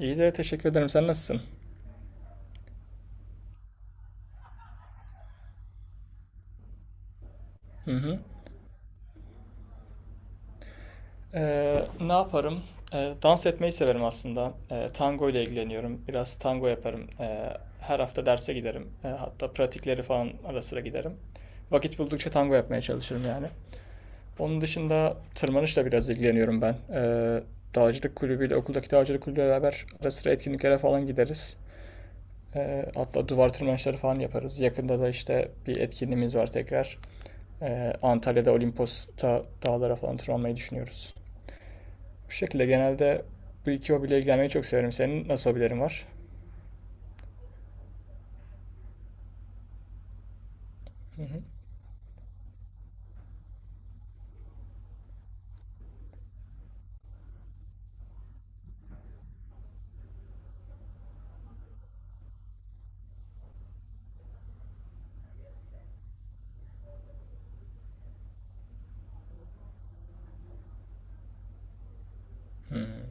İyi de teşekkür ederim. Sen nasılsın? Hı hı. Ne yaparım? Dans etmeyi severim aslında. Tango ile ilgileniyorum. Biraz tango yaparım. Her hafta derse giderim. Hatta pratikleri falan ara sıra giderim. Vakit buldukça tango yapmaya çalışırım yani. Onun dışında tırmanışla biraz ilgileniyorum ben. Dağcılık kulübüyle, okuldaki dağcılık kulübüyle beraber ara sıra etkinliklere falan gideriz. Hatta duvar tırmanışları falan yaparız. Yakında da işte bir etkinliğimiz var tekrar. Antalya'da Olimpos dağlara falan tırmanmayı düşünüyoruz. Bu şekilde genelde bu iki hobiyle ilgilenmeyi çok severim. Senin nasıl hobilerin var? Hı hı. Hmm.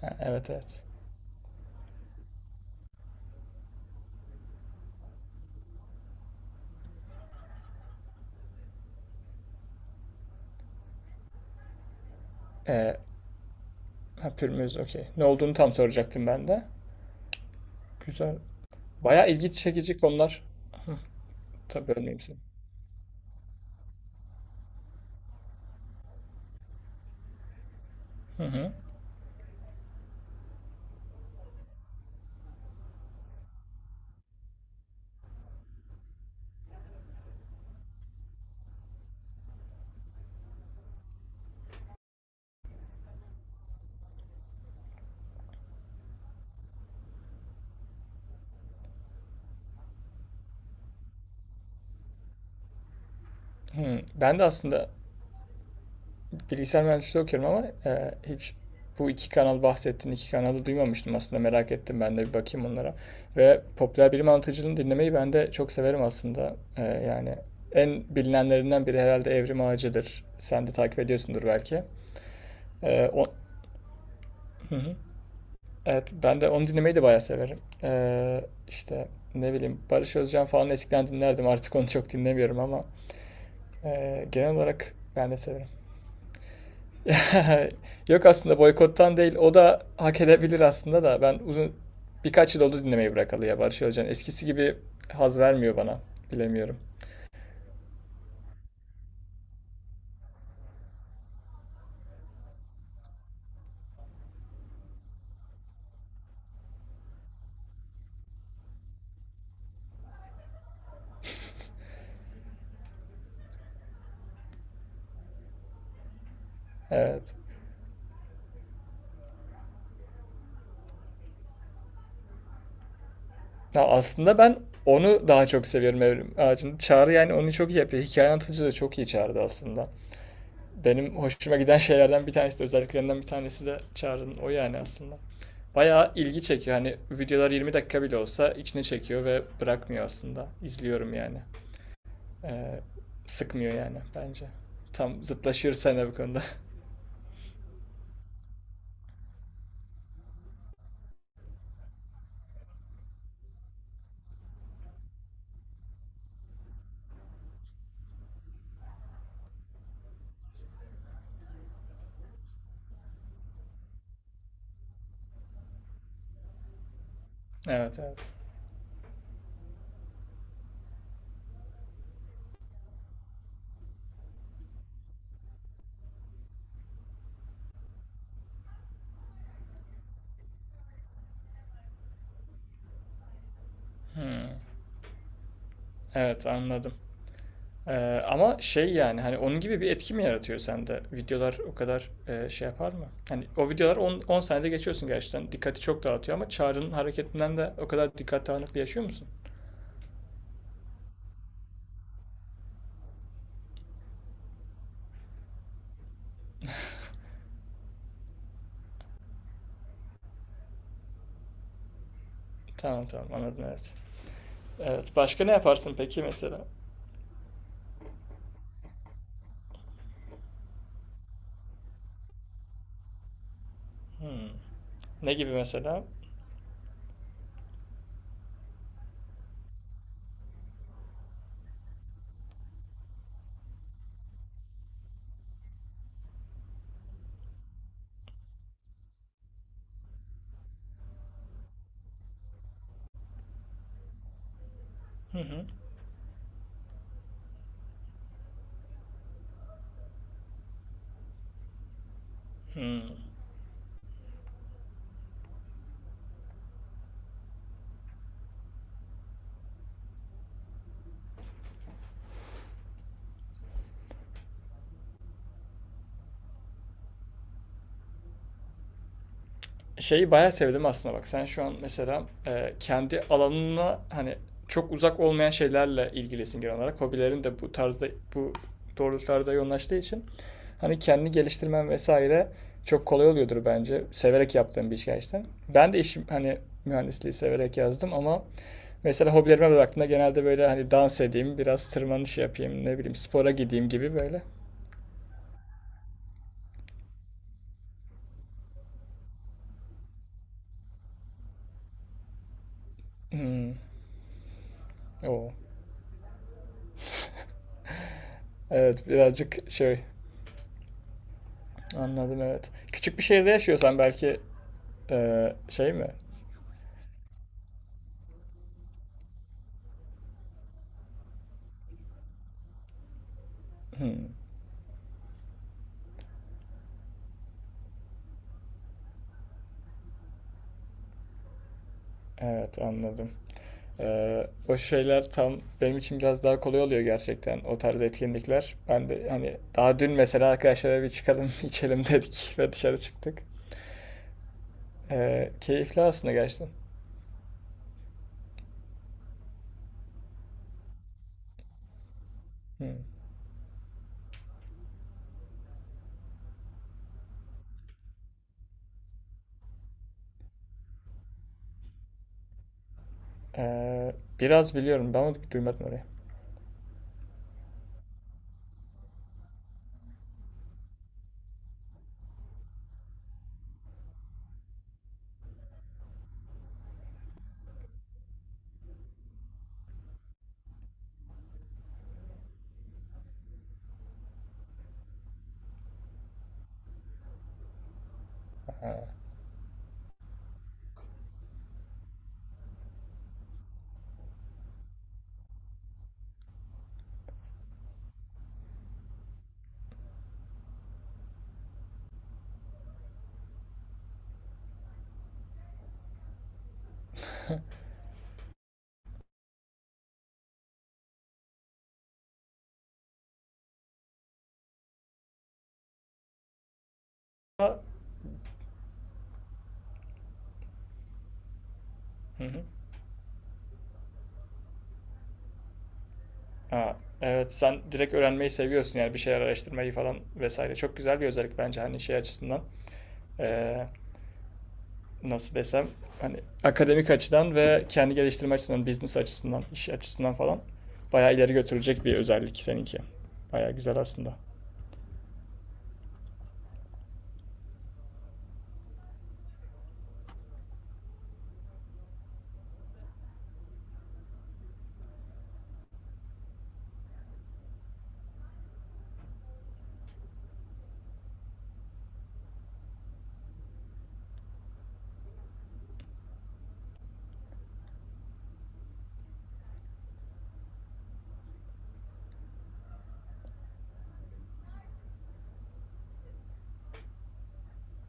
Ha, evet evet. Ee, ha, pürmüz okey. Ne olduğunu tam soracaktım ben de. Güzel. Bayağı ilgi çekici konular. Hı, tabii bölmeyeyim seni. Hı hı. Hı. Ben de aslında bilgisayar mühendisliği okuyorum ama hiç bu iki kanal bahsettiğin iki kanalı duymamıştım aslında, merak ettim ben de bir bakayım onlara. Ve popüler bilim anlatıcılığını dinlemeyi ben de çok severim aslında. Yani en bilinenlerinden biri herhalde Evrim Ağacı'dır. Sen de takip ediyorsundur belki. E, o... Hı hı. Evet, ben de onu dinlemeyi de bayağı severim. İşte ne bileyim Barış Özcan falan eskiden dinlerdim, artık onu çok dinlemiyorum ama genel olarak ben de severim. Yok, aslında boykottan değil. O da hak edebilir aslında da. Ben uzun birkaç yıl oldu dinlemeyi bırakalı ya Barış Özcan. Eskisi gibi haz vermiyor bana. Bilemiyorum. Evet. Ya aslında ben onu daha çok seviyorum Evrim Ağacı'nın. Çağrı yani onu çok iyi yapıyor. Hikaye anlatıcı da çok iyi Çağrı'da aslında. Benim hoşuma giden şeylerden bir tanesi de, özelliklerinden bir tanesi de Çağrı'nın o yani aslında. Bayağı ilgi çekiyor. Hani videolar 20 dakika bile olsa içine çekiyor ve bırakmıyor aslında. İzliyorum yani. Ee, Sıkmıyor yani bence. Tam zıtlaşıyoruz seninle bu konuda. Evet evet. Hmm. Evet, anladım. Ama şey yani hani onun gibi bir etki mi yaratıyor sende? Videolar o kadar şey yapar mı? Hani o videolar 10 saniyede geçiyorsun gerçekten. Dikkati çok dağıtıyor ama Çağrı'nın hareketinden de o kadar dikkat dağınıklığı yaşıyor musun? Tamam tamam, anladım, evet. Evet, başka ne yaparsın peki mesela? Hmm. Ne gibi mesela? Hı hı. Hmm. Şeyi bayağı sevdim aslında, bak sen şu an mesela kendi alanına hani çok uzak olmayan şeylerle ilgilisin genel olarak. Hobilerin de bu tarzda, bu doğrultularda yoğunlaştığı için hani kendini geliştirmen vesaire çok kolay oluyordur bence. Severek yaptığım bir iş gerçekten. Ben de işim hani mühendisliği severek yazdım ama mesela hobilerime baktığımda genelde böyle hani dans edeyim, biraz tırmanış yapayım, ne bileyim spora gideyim gibi böyle. Hmm. O. Evet, birazcık şey. Anladım, evet. Küçük bir şehirde yaşıyorsan belki şey mi? Hmm, evet, anladım. O şeyler tam benim için biraz daha kolay oluyor gerçekten, o tarz etkinlikler. Ben de hani daha dün mesela arkadaşlara bir çıkalım içelim dedik ve dışarı çıktık. Keyifli aslında gerçekten. Hmm. Biraz biliyorum ben, onu duymadım orayı. Ha. Ha, hı hı. Ha, evet, sen direkt öğrenmeyi seviyorsun yani, bir şeyler araştırmayı falan vesaire. Çok güzel bir özellik bence hani şey açısından. eee, Nasıl desem, hani akademik açıdan ve kendi geliştirme açısından, business açısından, iş açısından falan bayağı ileri götürecek bir özellik seninki. Bayağı güzel aslında.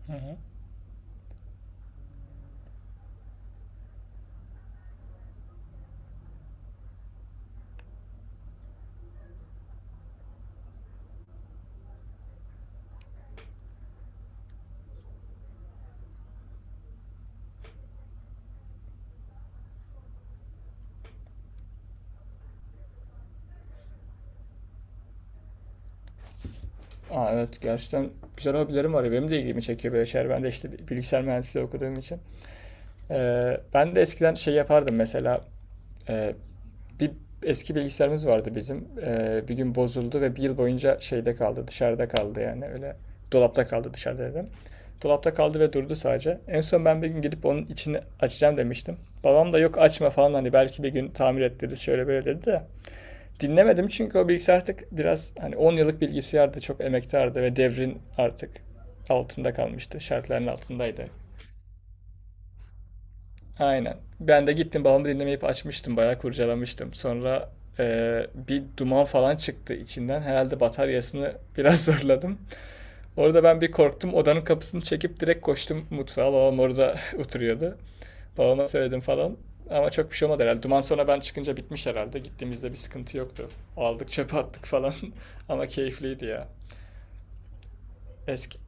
Hı hı. Aa, evet, gerçekten güzel hobilerim var ya. Benim de ilgimi çekiyor böyle şeyler. Ben de işte bilgisayar mühendisliği okuduğum için. Ben de eskiden şey yapardım mesela. Ee, Bir eski bilgisayarımız vardı bizim. Bir gün bozuldu ve bir yıl boyunca şeyde kaldı, dışarıda kaldı yani öyle. Dolapta kaldı, dışarıda dedim. Dolapta kaldı ve durdu sadece. En son ben bir gün gidip onun içini açacağım demiştim. Babam da yok açma falan, hani belki bir gün tamir ettiririz şöyle böyle dedi de. Dinlemedim çünkü o bilgisayar artık biraz hani 10 yıllık bilgisayardı, çok emektardı ve devrin artık altında kalmıştı, şartların altındaydı. Aynen. Ben de gittim babamı dinlemeyip açmıştım. Bayağı kurcalamıştım. Sonra bir duman falan çıktı içinden. Herhalde bataryasını biraz zorladım. Orada ben bir korktum. Odanın kapısını çekip direkt koştum mutfağa. Babam orada oturuyordu. Babama söyledim falan. Ama çok bir şey olmadı herhalde. Duman sonra ben çıkınca bitmiş herhalde. Gittiğimizde bir sıkıntı yoktu. Aldık, çöpe attık falan. Ama keyifliydi ya. Eski.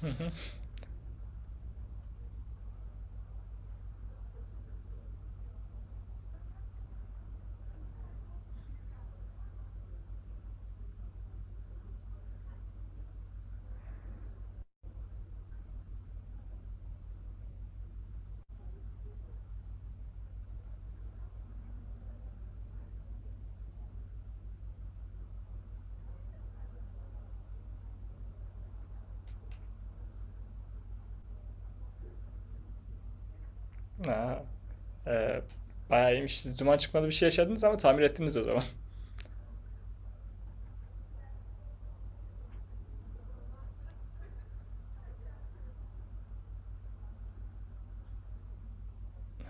Hı hı. Aa, eee, bayağı iyiymiş. Siz duman çıkmadı bir şey yaşadınız ama tamir ettiniz o zaman.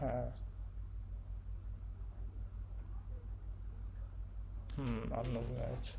Ha. Hmm, anladım, evet.